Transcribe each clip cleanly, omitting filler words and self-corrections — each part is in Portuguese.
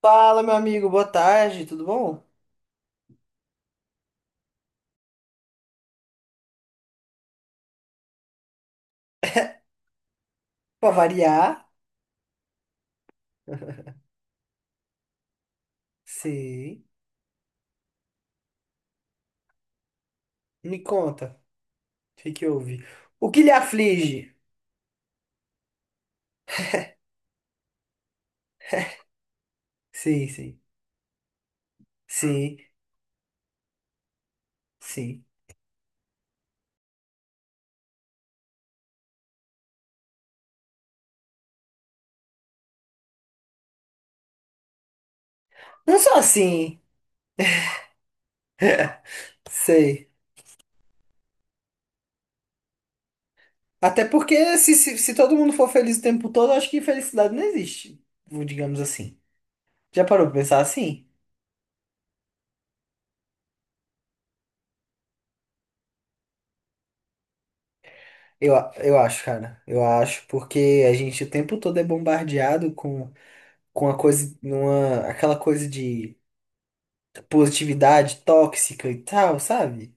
Fala, meu amigo, boa tarde, tudo bom? Pra variar, sei. Me conta, o que que houve? O que lhe aflige? Sim, sim. Sim, sim. Não só assim, sei. Até porque se todo mundo for feliz o tempo todo, eu acho que felicidade não existe, digamos assim. Já parou pra pensar assim? Eu acho, cara. Eu acho, porque a gente o tempo todo é bombardeado com a coisa, uma, aquela coisa de positividade tóxica e tal, sabe?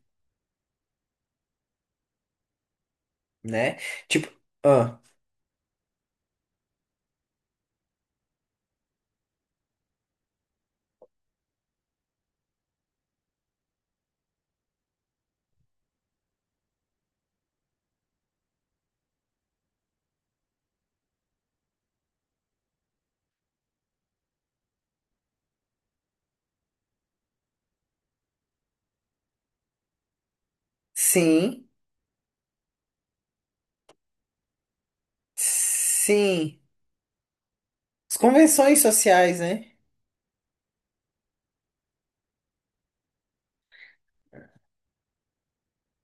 Né? Tipo, ah, sim, sim. As convenções sociais, né?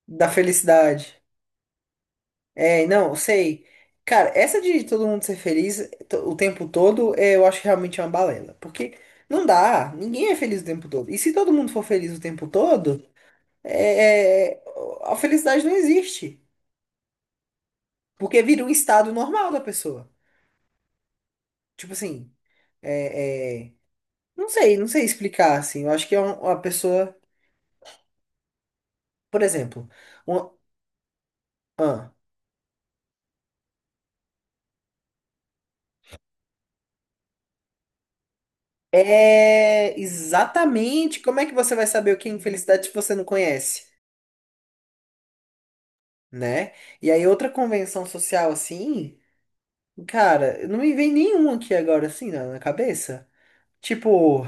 Da felicidade. É, não, eu sei. Cara, essa de todo mundo ser feliz o tempo todo, eu acho realmente uma balela. Porque não dá, ninguém é feliz o tempo todo. E se todo mundo for feliz o tempo todo, é, é, a felicidade não existe. Porque vira um estado normal da pessoa. Tipo assim, é, é, não sei, não sei explicar, assim. Eu acho que é uma pessoa, por exemplo, uma. É, exatamente. Como é que você vai saber o que é infelicidade se você não conhece, né? E aí, outra convenção social assim, cara, não me vem nenhum aqui agora assim na cabeça. Tipo,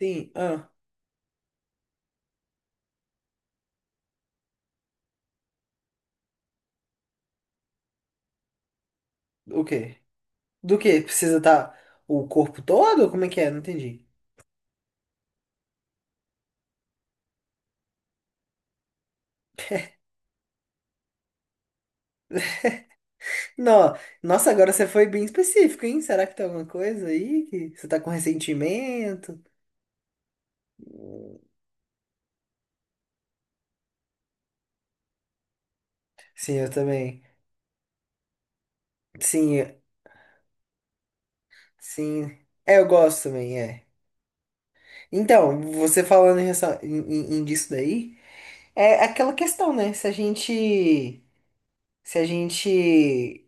sim, ah, o quê? Do quê? Precisa estar o corpo todo? Como é que é? Não entendi. Não, nossa, agora você foi bem específico, hein? Será que tem alguma coisa aí que você tá com ressentimento? Sim, eu também. Sim, sim. É, eu gosto também, é. Então, você falando em, em disso daí, é aquela questão, né? Se a gente, se a gente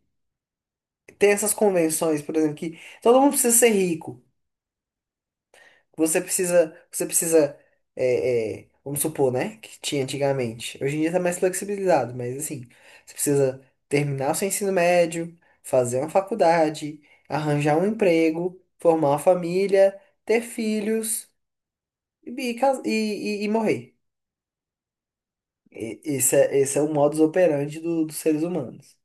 tem essas convenções, por exemplo, que todo mundo precisa ser rico, você precisa, vamos supor, né? Que tinha antigamente. Hoje em dia tá mais flexibilizado, mas assim, você precisa terminar o seu ensino médio, fazer uma faculdade, arranjar um emprego, formar uma família, ter filhos e, e, cas- e e morrer. Esse é o modus operandi dos seres humanos.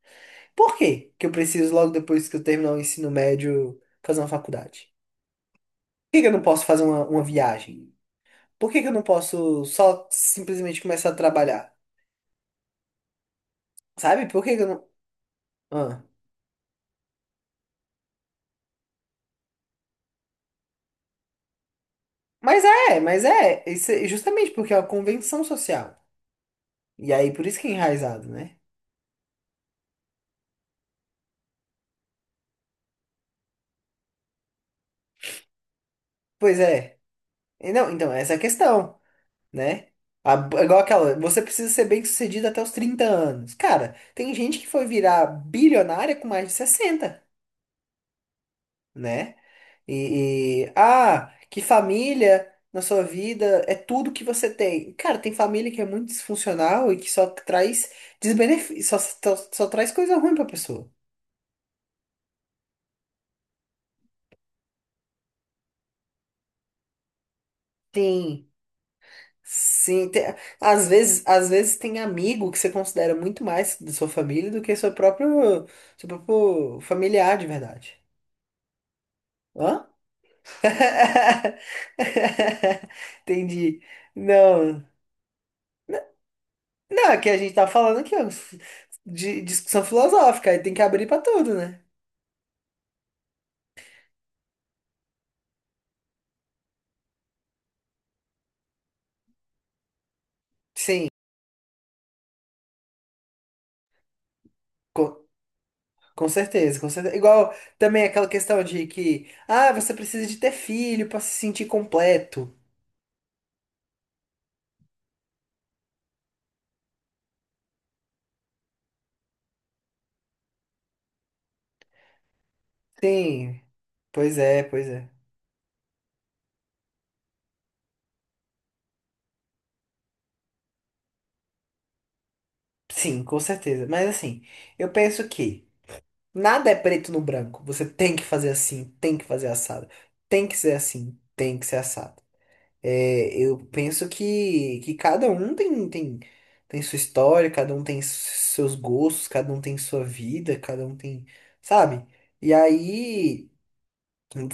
Por quê que eu preciso, logo depois que eu terminar o ensino médio, fazer uma faculdade? Por que que eu não posso fazer uma viagem? Por que que eu não posso só simplesmente começar a trabalhar? Sabe? Por que que eu não. Ah. Mas é. Isso é justamente porque é uma convenção social. E aí, por isso que é enraizado, né? Pois é. E não, então, essa é a questão. Né? A- igual aquela, você precisa ser bem-sucedido até os 30 anos. Cara, tem gente que foi virar bilionária com mais de 60, né? E que família na sua vida é tudo que você tem. Cara, tem família que é muito disfuncional e que só traz desbenefício, só traz coisa ruim pra pessoa. Tem. Sim, às vezes tem amigo que você considera muito mais da sua família do que seu próprio familiar de verdade. Hã? Entendi. Não, não, é que a gente tá falando aqui, ó, de discussão filosófica, aí tem que abrir pra tudo, né? Sim, co- com certeza, com certeza. Igual também aquela questão de que, ah, você precisa de ter filho pra se sentir completo. Sim, pois é, pois é. Sim, com certeza. Mas assim, eu penso que nada é preto no branco. Você tem que fazer assim, tem que fazer assado. Tem que ser assim, tem que ser assado. É, eu penso que cada um tem, tem sua história, cada um tem s- seus gostos, cada um tem sua vida, cada um tem, sabe? E aí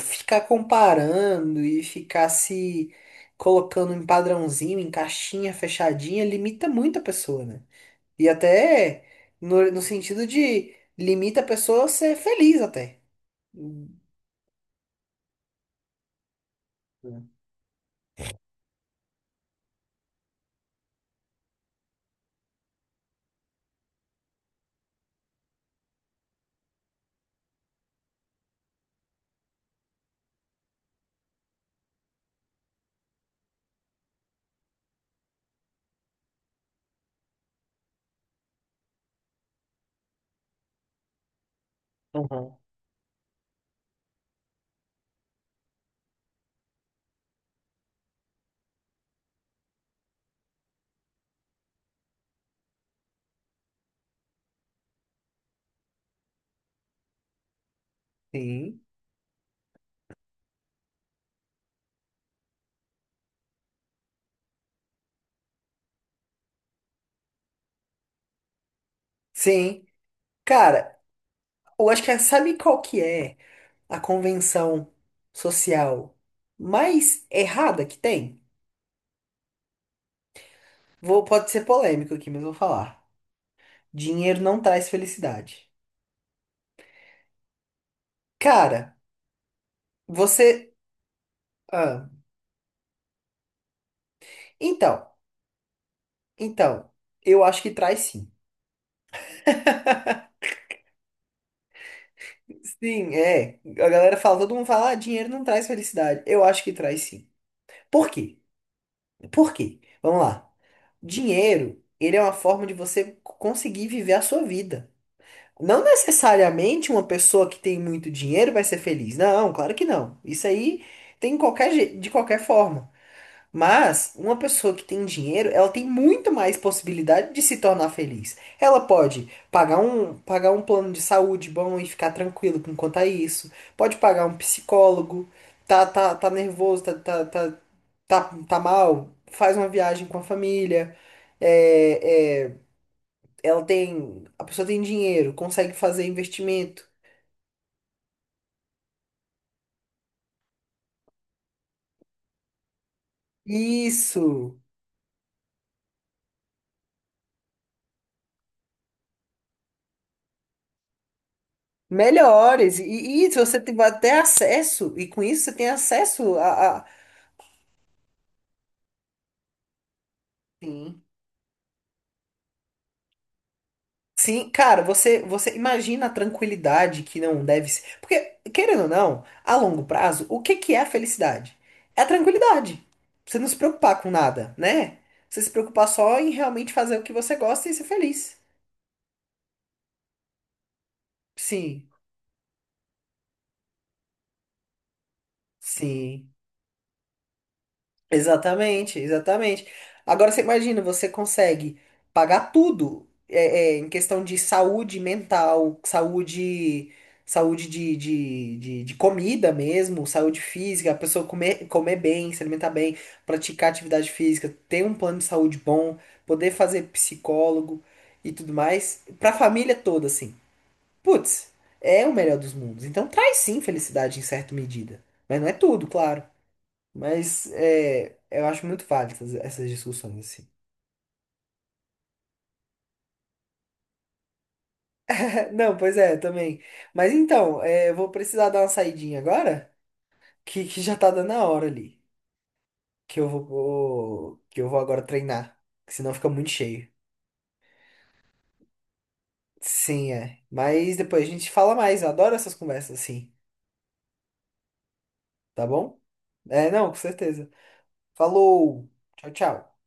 ficar comparando e ficar se colocando em padrãozinho, em caixinha fechadinha, limita muito a pessoa, né? E até no sentido de limita a pessoa a ser feliz até. Hum. Uhum. Sim. Sim. Cara, eu acho que é- sabe qual que é? A convenção social mais errada que tem. Vou, pode ser polêmico aqui, mas vou falar. Dinheiro não traz felicidade. Cara, você. Ah, então, então, eu acho que traz sim. Sim, é. A galera fala, todo mundo fala, ah, dinheiro não traz felicidade. Eu acho que traz sim. Por quê? Por quê? Vamos lá. Dinheiro, ele é uma forma de você conseguir viver a sua vida. Não necessariamente uma pessoa que tem muito dinheiro vai ser feliz. Não, claro que não. Isso aí tem em qualquer, de qualquer forma. Mas uma pessoa que tem dinheiro, ela tem muito mais possibilidade de se tornar feliz. Ela pode pagar um plano de saúde bom e ficar tranquilo com quanto a isso. Pode pagar um psicólogo, tá nervoso, tá mal, faz uma viagem com a família. é, é, ela tem, a pessoa tem dinheiro, consegue fazer investimento. Isso. Melhores. E se você tem até acesso, e com isso você tem acesso a-. Sim. Sim, cara, você imagina a tranquilidade que não deve ser. Porque, querendo ou não, a longo prazo, o que que é a felicidade? É a tranquilidade. Você não se preocupar com nada, né? Você se preocupar só em realmente fazer o que você gosta e ser feliz. Sim, sim. Exatamente, exatamente. Agora você imagina, você consegue pagar tudo em questão de saúde mental, saúde, saúde de comida mesmo, saúde física, a pessoa comer, comer bem, se alimentar bem, praticar atividade física, ter um plano de saúde bom, poder fazer psicólogo e tudo mais, pra família toda, assim. Putz, é o melhor dos mundos. Então traz sim felicidade em certa medida, mas não é tudo, claro. Mas é, eu acho muito válido essas discussões, assim. Não, pois é, também. Mas então, é, eu vou precisar dar uma saidinha agora, que já tá dando a hora ali. Que eu vou agora treinar, que senão fica muito cheio. Sim, é. Mas depois a gente fala mais, eu adoro essas conversas assim, tá bom? É, não, com certeza. Falou! Tchau, tchau.